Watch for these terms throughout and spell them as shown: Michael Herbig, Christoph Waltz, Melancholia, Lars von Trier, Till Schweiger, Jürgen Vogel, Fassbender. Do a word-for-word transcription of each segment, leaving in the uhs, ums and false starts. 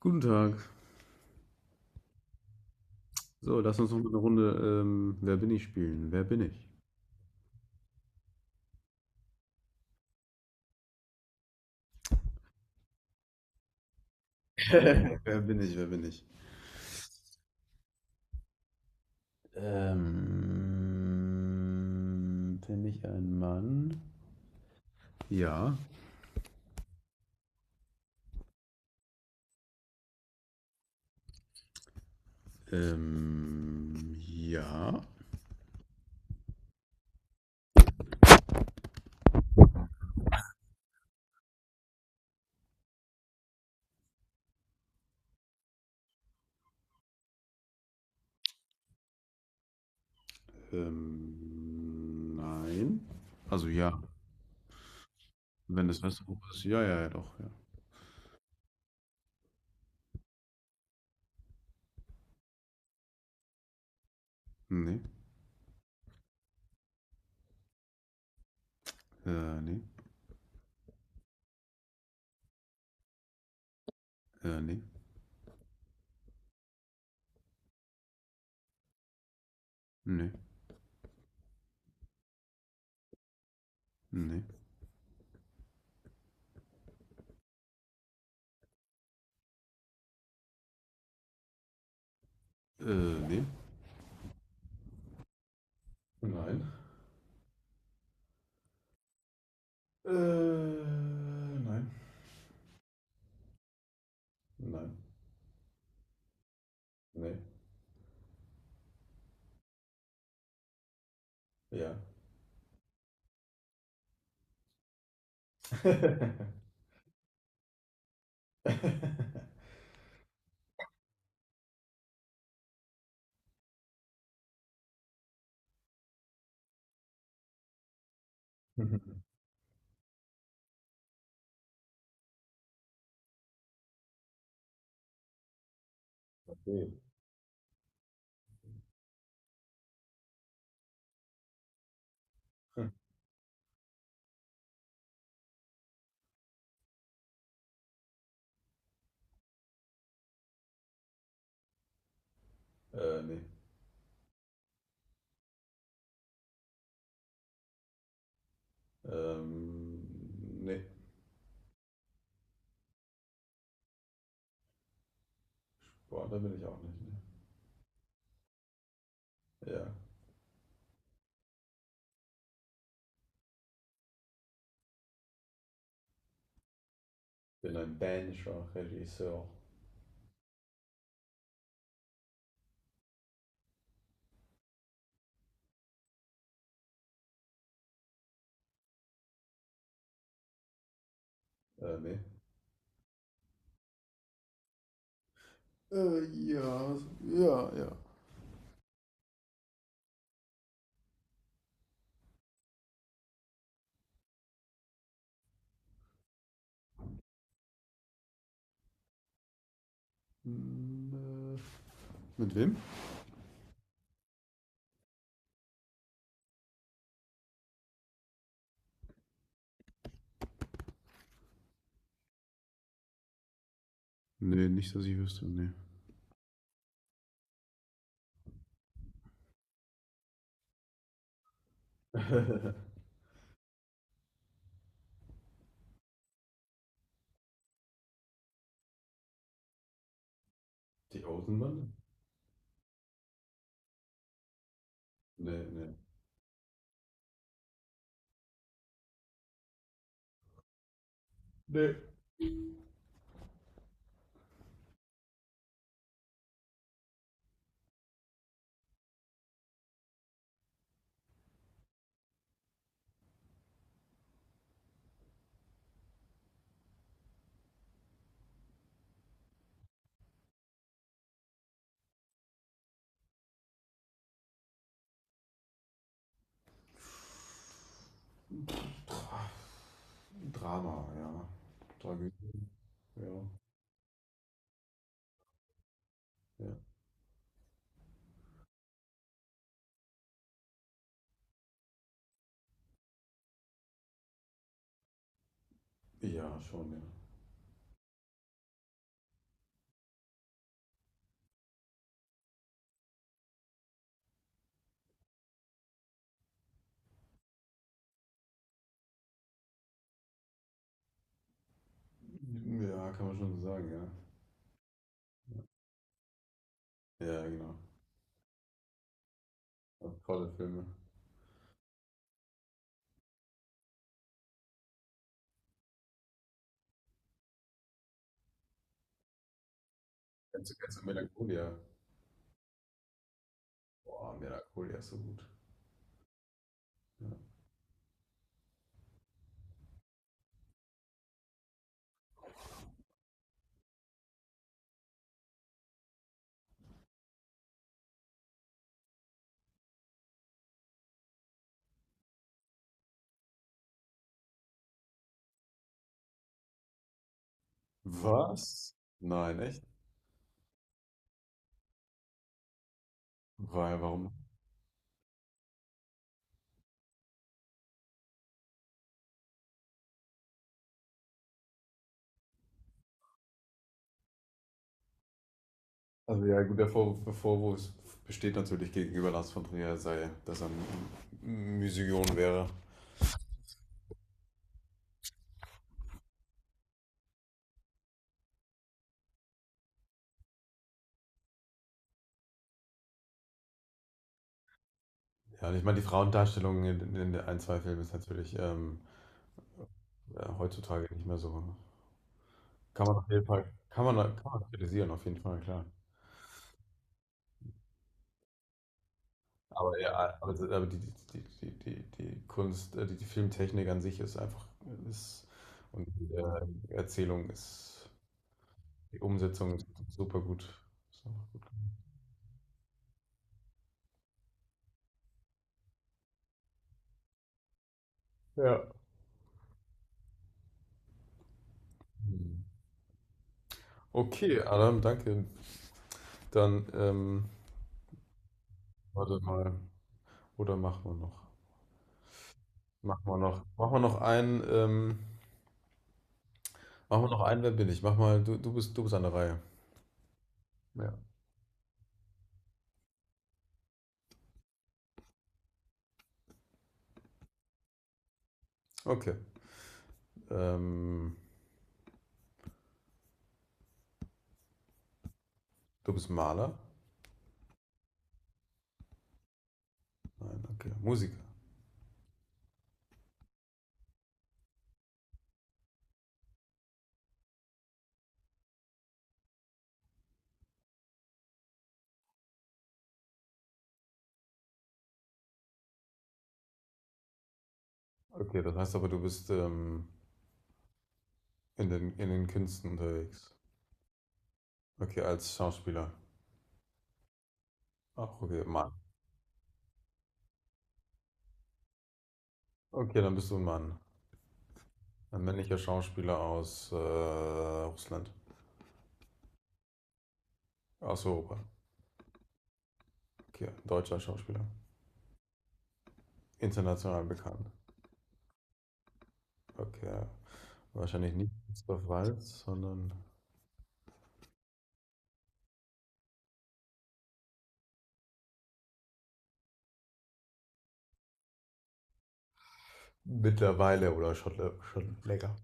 Guten Tag. So, lass uns noch mal eine Runde ähm, Wer bin ich spielen. Wer bin ich? Wer bin ich? Wer bin ich? Ähm, bin ich ein Mann? Ja. Ähm, ja. Ähm, nein. Also ja, wenn das Restaurant ist. Ja, ja, ja, doch, ja. Nee. Äh, nee. Äh, nee. Nee. Nee. Äh, nee. Nein. Äh, nein. Nein. Nee. Ja. Okay. Hm. Äh, nee. Ähm, nee. Boah, da bin ich auch nicht. Ne? Ja. Bin ein dänischer Regisseur. Äh, nee. Äh, ja, ja, ja. Hm, äh. Mit wem? Nee, nicht, dass ich wüsste, nee. Die Außenbande? Nee, nee. Nee. Dra Drama, ja. Tragödie. Ja, ja. Ja, schon, ja. Ja, kann man schon so sagen, ja. Ja, genau. Ja, tolle Filme. Kennst du, kennst du Melancholia? Boah, Melancholia ist so gut. Ja. Was? Nein, echt? Weil, warum? Also ja, gut, der Vorwurf, der Vorwurf besteht natürlich gegenüber Lars von Trier, sei, dass er ein M- Musion wäre. Ja, und ich meine, die Frauendarstellung in, in den ein, zwei Filmen ist natürlich ähm, ja, heutzutage nicht mehr so. Kann man auf jeden Fall, kann man, kann man kritisieren, auf jeden Fall, klar. Aber ja, aber, das- aber die, die, die, die, die die Kunst, äh, die, die Filmtechnik an sich ist einfach, ist, und die äh, Erzählung ist, die Umsetzung ist super gut. Ist einfach gut. Ja. Hm. Okay, Adam, danke. Dann, ähm, warte mal, oder machen wir noch? Machen wir noch, machen wir noch einen, ähm, machen wir noch einen, wer bin ich? Mach mal, du, du bist, du bist an der Reihe. Ja. Okay, ähm, du bist Maler? Nein, okay, Musiker. Okay, das heißt aber, du bist, ähm, In den, in den Künsten unterwegs. Okay, als Schauspieler. Ach, okay, Mann. Okay, dann bist du ein Mann. Ein männlicher Schauspieler aus äh, Russland. Aus Europa. Okay, deutscher Schauspieler. International bekannt. Okay. Wahrscheinlich nicht Christoph Waltz, sondern mittlerweile oder schon, schon länger.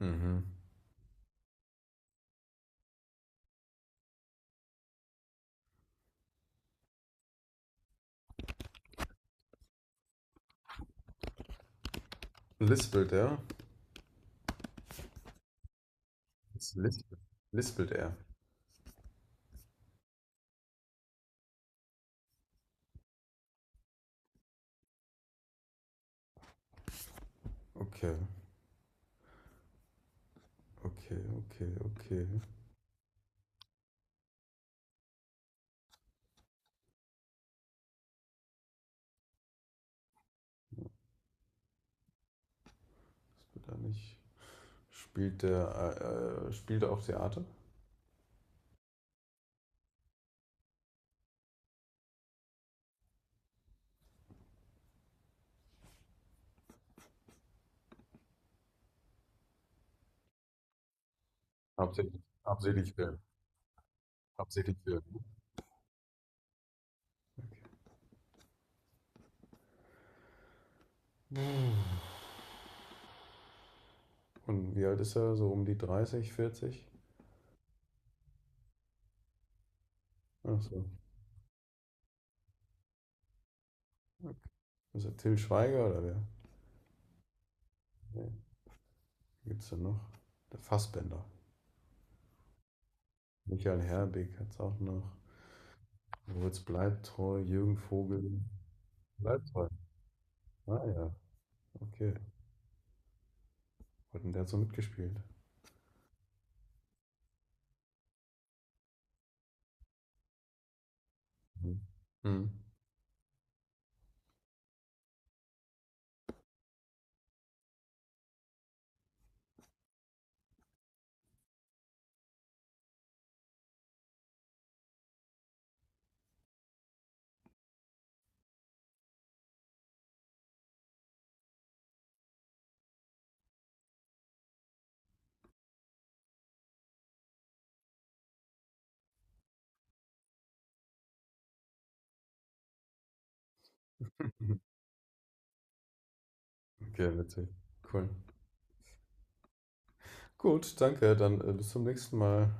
Mhm. Lispelt er? Was Lispelt, lispelt er. Okay, okay, okay, okay. Lispelt er nicht. Spielt er, äh, äh, spielt er auf Theater? Hauptsächlich, hauptsächlich Film. Hauptsächlich Film. Und wie alt ist er? So um die dreißig, vierzig? Ach so. Ist er Till Schweiger oder wer? Nee. Gibt denn noch? Der Fassbender. Michael Herbig hat's auch noch. Moritz bleibt treu, Jürgen Vogel. Bleibt treu. Ah ja, okay. Hat denn der so mitgespielt? Mhm. Hm. Okay, witzig. Cool. Gut, danke. Dann äh, bis zum nächsten Mal.